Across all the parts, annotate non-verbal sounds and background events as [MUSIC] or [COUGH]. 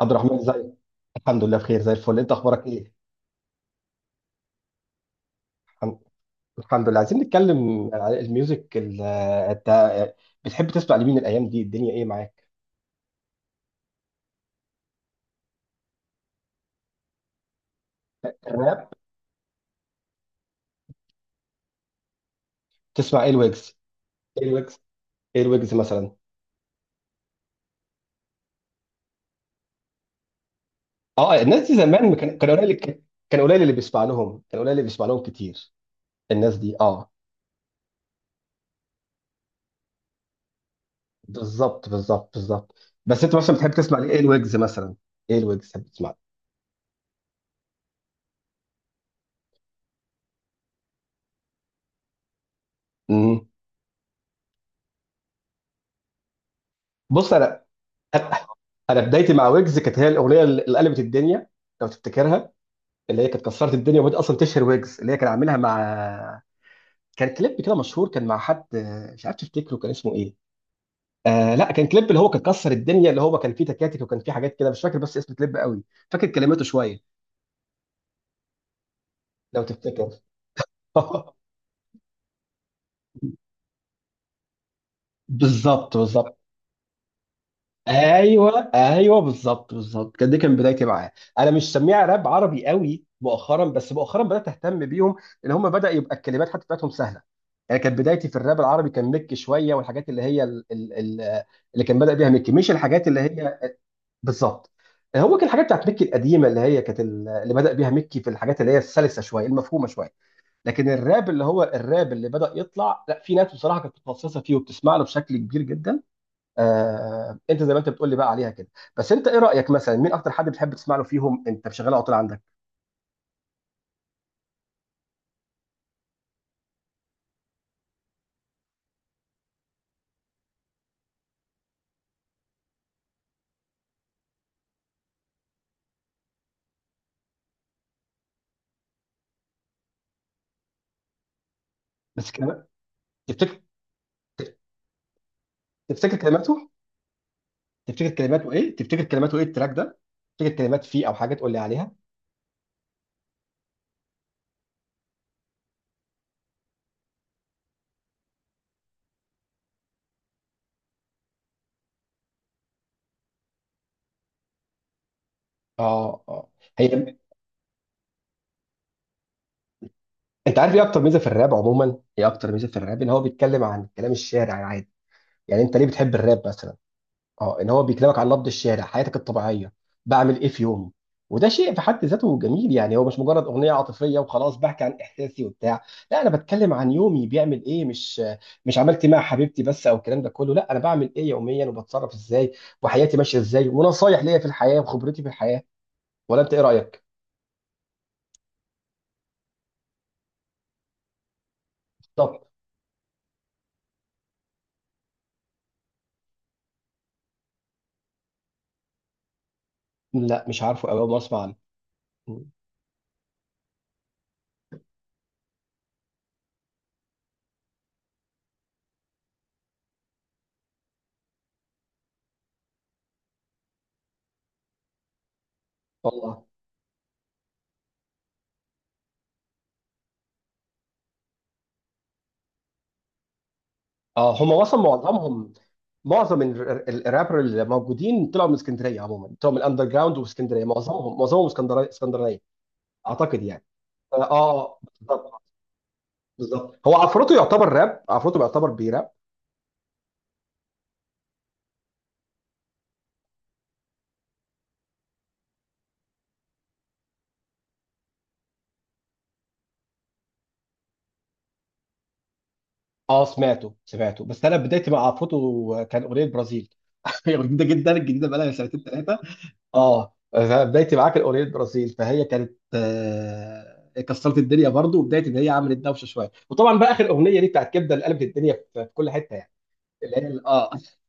عبد الرحمن ازاي. الحمد لله بخير زي الفل، انت اخبارك ايه؟ الحم- الحمد لله. عايزين نتكلم على الميوزك انت بتحب تسمع لمين الايام دي؟ الدنيا ايه معاك؟ الراب. تسمع ايه؟ الويجز؟ ايه الويجز؟ ايه الويجز مثلا؟ اه الناس دي زمان ما كان قليل. كان قليل اللي بيسمع لهم، كان قليل اللي بيسمع لهم كتير. الناس دي اه. بالظبط بالظبط بالظبط. بس انت مثلا بتحب تسمع ليه؟ ايه الويجز مثلا؟ ايه الويجز بتحب تسمع؟ امم بص انا، انا بدايتي مع ويجز كانت هي الاغنيه اللي قلبت الدنيا. لو تفتكرها، اللي هي كانت كسرت الدنيا وبدأت اصلا تشهر ويجز، اللي هي كان عاملها مع، كان كليب كده مشهور كان مع حد مش عارف تفتكره كان اسمه ايه؟ لا، كان كليب اللي هو كان كسر الدنيا، اللي هو كان فيه تكاتك وكان فيه حاجات كده مش فاكر، بس اسم كليب قوي. فاكر كلماته شويه. لو تفتكر. [LAUGHS] بالظبط بالظبط. ايوه ايوه بالظبط بالظبط. كان دي كان بدايتي معاه. انا مش سميع راب عربي قوي مؤخرا، بس مؤخرا بدات اهتم بيهم. ان هم بدا يبقى الكلمات حتى بتاعتهم سهله. يعني كانت بدايتي في الراب العربي كان ميك شويه، والحاجات اللي هي ال اللي كان بدا بيها ميك، مش الحاجات اللي هي، بالظبط. هو كان الحاجات بتاعت ميك القديمه، اللي هي كانت اللي بدا بيها ميك في الحاجات اللي هي السلسه شويه، المفهومه شويه. لكن الراب اللي هو الراب اللي بدا يطلع، لا في ناس بصراحه كانت متخصصه فيه وبتسمع له بشكل كبير جدا. انت زي ما انت بتقول لي بقى عليها كده. بس انت ايه رايك مثلا؟ مين اكتر حد بتحب تسمع له فيهم انت شغال على طول عندك؟ بس كلمات. تفتكر. تفتكر كلماته؟ تفتكر كلماته ايه؟ تفتكر كلماته ايه التراك ده؟ تفتكر كلمات فيه او حاجه تقول لي عليها؟ اه اه. هي، انت عارف ايه اكتر ميزه في الراب عموما؟ ايه اكتر ميزه في الراب؟ ان هو بيتكلم عن كلام الشارع عادي. يعني انت ليه بتحب الراب مثلا؟ اه، ان هو بيكلمك عن نبض الشارع، حياتك الطبيعيه. بعمل ايه في يومي. وده شيء في حد ذاته جميل يعني. هو مش مجرد اغنيه عاطفيه وخلاص، بحكي عن احساسي وبتاع. لا انا بتكلم عن يومي بيعمل ايه، مش، مش عملت إيه مع حبيبتي بس او الكلام ده كله، لا انا بعمل ايه يوميا وبتصرف ازاي، وحياتي ماشيه ازاي، ونصايح ليا في الحياه وخبرتي في الحياه. ولا انت ايه رايك؟ طب. لا مش عارفه قوي، اول مره اسمع عنه. والله. اه هم اصلا معظمهم، معظم الرابر اللي موجودين طلعوا من اسكندريه عموما، طلعوا من الاندر جراوند. واسكندريه معظمهم، معظمهم اسكندريه اسكندريه اعتقد يعني. اه بالظبط بالظبط. هو عفروتو يعتبر راب، عفروتو يعتبر بيراب. اه سمعته سمعته. بس انا بدايتي مع عفروتو كان اغنيه برازيل. [LAUGHS] هي جديده جدا، الجديده بقى لها سنتين ثلاثه. اه بدايتي معاك الاغنيه برازيل، فهي كانت كسرت الدنيا برضو، وبدايه ان هي عملت دوشه شويه. وطبعا بقى اخر اغنيه دي بتاعت كبده اللي قلبت الدنيا في في كل حته يعني. اللي هي اه [LAUGHS]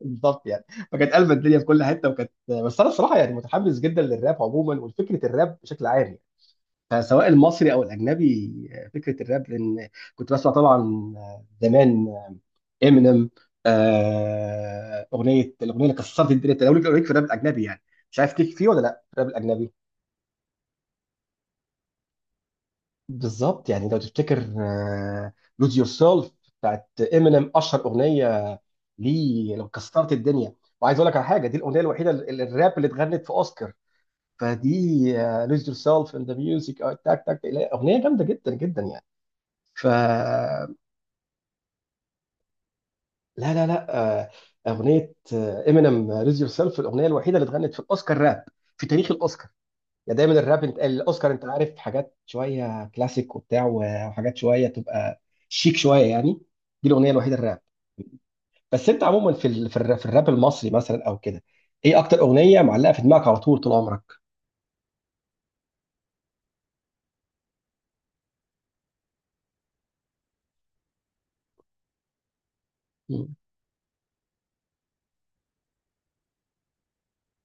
بالظبط يعني. فكانت قلبة الدنيا في كل حته وكانت، بس انا الصراحه يعني متحمس جدا للراب عموما ولفكره الراب بشكل عام يعني. فسواء المصري او الاجنبي، فكره الراب. لان كنت بسمع طبعا زمان امينيم. آه اغنيه، الاغنيه اللي كسرت الدنيا. انت لو ليك، لو ليك في الراب الاجنبي يعني. مش عارف ليك فيه ولا لا الراب الاجنبي. بالظبط يعني. لو تفتكر لوز يور سيلف بتاعت امينيم، اشهر اغنيه ليه، لو كسرت الدنيا. وعايز اقول لك على حاجه، دي الاغنيه الوحيده الراب اللي اتغنت في اوسكار. فدي لوز يور سيلف اند ذا ميوزك تاك تاك، اغنيه جامده جدا جدا يعني. ف لا لا لا، اغنيه امينيم لوز يور سيلف الاغنيه الوحيده اللي اتغنت في الاوسكار راب، في تاريخ الاوسكار. يا دايما الراب، انت الاوسكار انت عارف حاجات شويه كلاسيك وبتاع، وحاجات شويه تبقى شيك شويه يعني. دي الاغنيه الوحيده الراب. بس انت عموما في في الراب، في الراب المصري مثلا او كده، ايه اكتر اغنيه معلقه في دماغك على طول طول عمرك؟ مم.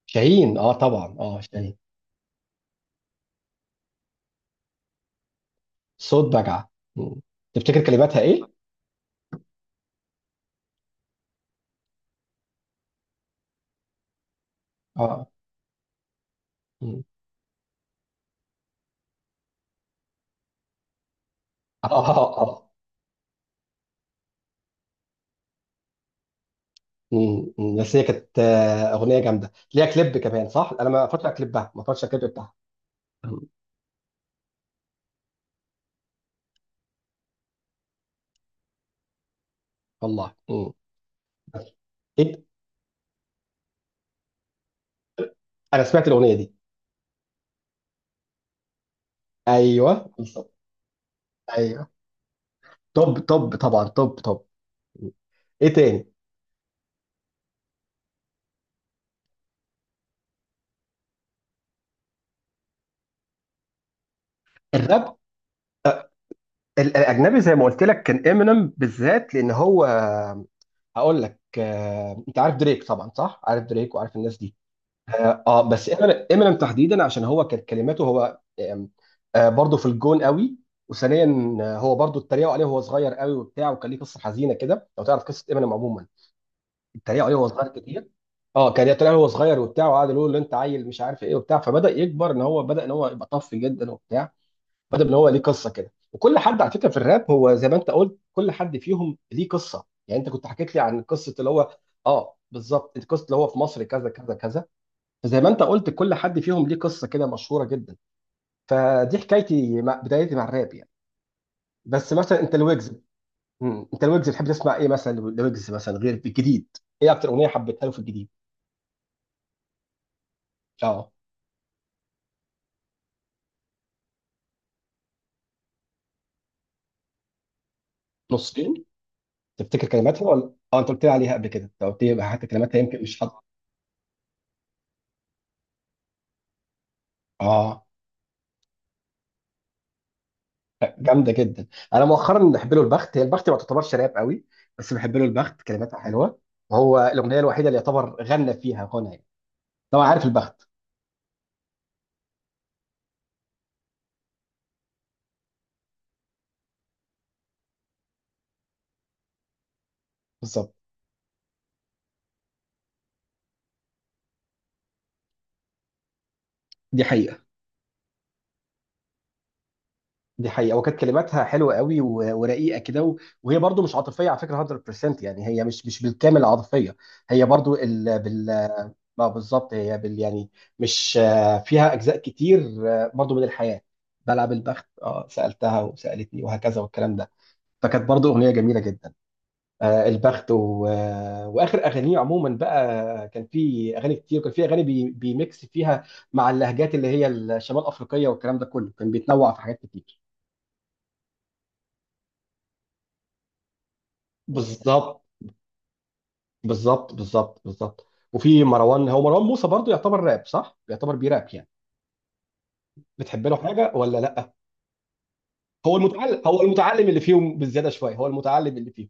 شاهين اه طبعا اه شاهين. صوت بجعه. مم. تفتكر كلماتها ايه؟ اه. مم. اه اه اه مم. مم. بس هي كانت اغنيه جامده ليها كليب كمان صح؟ انا ما اتفرجتش على كليبها، ما اتفرجتش على الكليب بتاعها. مم. والله مم. بس. ايه. انا سمعت الاغنيه دي. ايوه بالظبط. ايوه. طب طب طبعا طب طب. ايه تاني؟ الراب الاجنبي زي ما قلت لك كان امينيم بالذات، لان هو، هقول لك. انت عارف دريك طبعا صح؟ عارف دريك وعارف الناس دي. اه بس امينيم تحديدا عشان هو كانت كلماته هو برضه في الجون قوي. وثانيا هو برضه اتريقوا عليه وهو صغير قوي وبتاع، وكان ليه قصه حزينه كده، لو تعرف قصه امينيم عموما. اتريقوا عليه وهو صغير كتير. اه كان اتريقوا عليه وهو صغير وبتاع، وقعد يقول له انت عيل مش عارف ايه وبتاع، فبدا يكبر ان هو بدا ان هو يبقى طف جدا وبتاع. بدا ان هو ليه قصه كده. وكل حد على فكره في الراب، هو زي ما انت قلت، كل حد فيهم ليه قصه. يعني انت كنت حكيت لي عن قصه اللي هو، اه بالظبط، القصه اللي هو في مصر كذا كذا كذا. فزي ما انت قلت، كل حد فيهم ليه قصه كده مشهوره جدا. فدي حكايتي مع، بدايتي مع الراب يعني. بس مثلا انت الويجز، مم. انت الويجز بتحب تسمع ايه مثلا؟ الويجز مثلا غير الجديد، ايه اكتر اغنيه حبيتها له في الجديد؟ اه. نصين. تفتكر كلماتها ولا، اه انت قلت لي عليها قبل كده، انت قلت لي حتى كلماتها يمكن مش حاضره. اه. جامده جدا. انا مؤخرا بحب له البخت. هي البخت ما تعتبرش راب قوي، بس بحب له البخت، كلماتها حلوه. وهو الاغنيه الوحيده اللي يعتبر غنى فيها غنى يعني. طبعا عارف البخت. بالظبط. دي حقيقه، دي حقيقه. وكانت كلماتها حلوه قوي و- ورقيقه كده و- وهي برضو مش عاطفيه على فكره 100% يعني. هي مش، مش بالكامل عاطفيه، هي برضو ما بالظبط، هي بال يعني، مش فيها اجزاء كتير برضو من الحياه. بلعب البخت، اه سالتها وسالتني وهكذا والكلام ده. فكانت برضو اغنيه جميله جدا. البخت و... واخر اغانيه عموما بقى، كان في اغاني كتير، وكان في اغاني بيميكس فيها مع اللهجات اللي هي الشمال افريقيه، والكلام ده كله كان بيتنوع في حاجات كتير. بالظبط. بالظبط بالظبط بالظبط. وفي مروان، هو مروان موسى برضو يعتبر راب صح؟ يعتبر بيراب يعني. بتحب له حاجه ولا لا؟ هو المتعلم، هو المتعلم اللي فيهم بالزياده شويه، هو المتعلم اللي فيهم.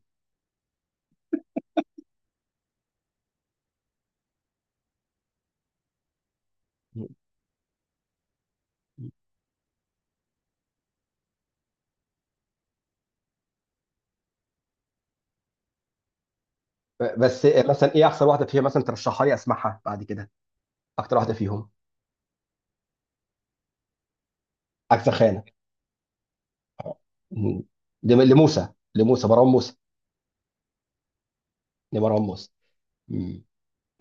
بس مثلا ايه احسن واحده فيها مثلا ترشحها لي اسمعها بعد كده؟ اكتر واحده فيهم. عكس خانه. مم. لموسى، لموسى مروان موسى، لمروان موسى. مم.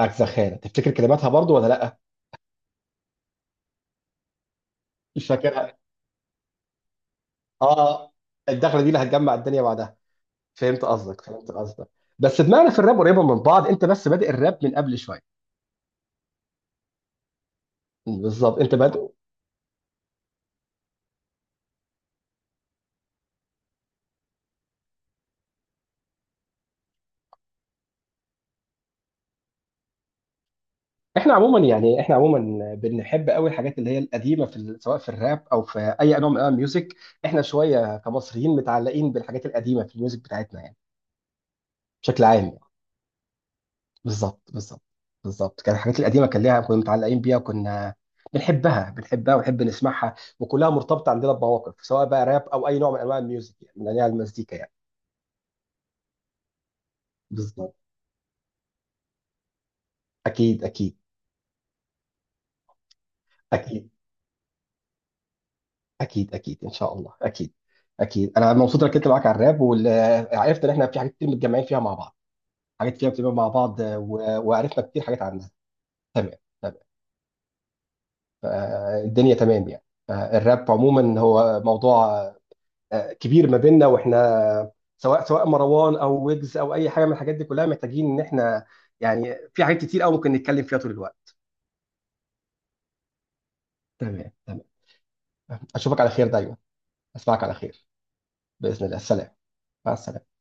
عكس خانه تفتكر كلماتها برضو ولا لا؟ مش فاكرها. اه. الدخله دي اللي هتجمع الدنيا بعدها. فهمت قصدك، فهمت قصدك. بس دماغنا في الراب قريبه من بعض، انت بس بادئ الراب من قبل شويه. مم، بالظبط انت بادئ. احنا عموما يعني، احنا عموما بنحب قوي الحاجات اللي هي القديمه في سواء في الراب او في اي نوع من انواع الميوزك. احنا شويه كمصريين متعلقين بالحاجات القديمه في الميوزك بتاعتنا يعني، بشكل عام يعني. بالظبط بالظبط. بالظبط كان الحاجات القديمه كان ليها، كنا متعلقين بيها وكنا بنحبها بنحبها ونحب نسمعها، وكلها مرتبطه عندنا بمواقف، سواء بقى راب او اي نوع من انواع الميوزك يعني، من انواع المزيكا يعني. بالظبط. اكيد اكيد. اكيد اكيد اكيد ان شاء الله اكيد. اكيد انا مبسوط انك كنت معاك على الراب، وعرفت ان احنا في حاجات كتير متجمعين فيها مع بعض، حاجات كده بتبقى مع بعض و- وعرفنا كتير حاجات عنها. تمام. تمام. فالدنيا تمام يعني. فالراب عموما هو موضوع كبير ما بيننا واحنا، سواء سواء مروان او ويجز او اي حاجه من الحاجات دي كلها، محتاجين ان احنا يعني في حاجات كتير قوي ممكن نتكلم فيها طول الوقت. تمام تمام. اشوفك على خير دايما. اسمعك على خير. باذن الله. السلام. مع السلامه.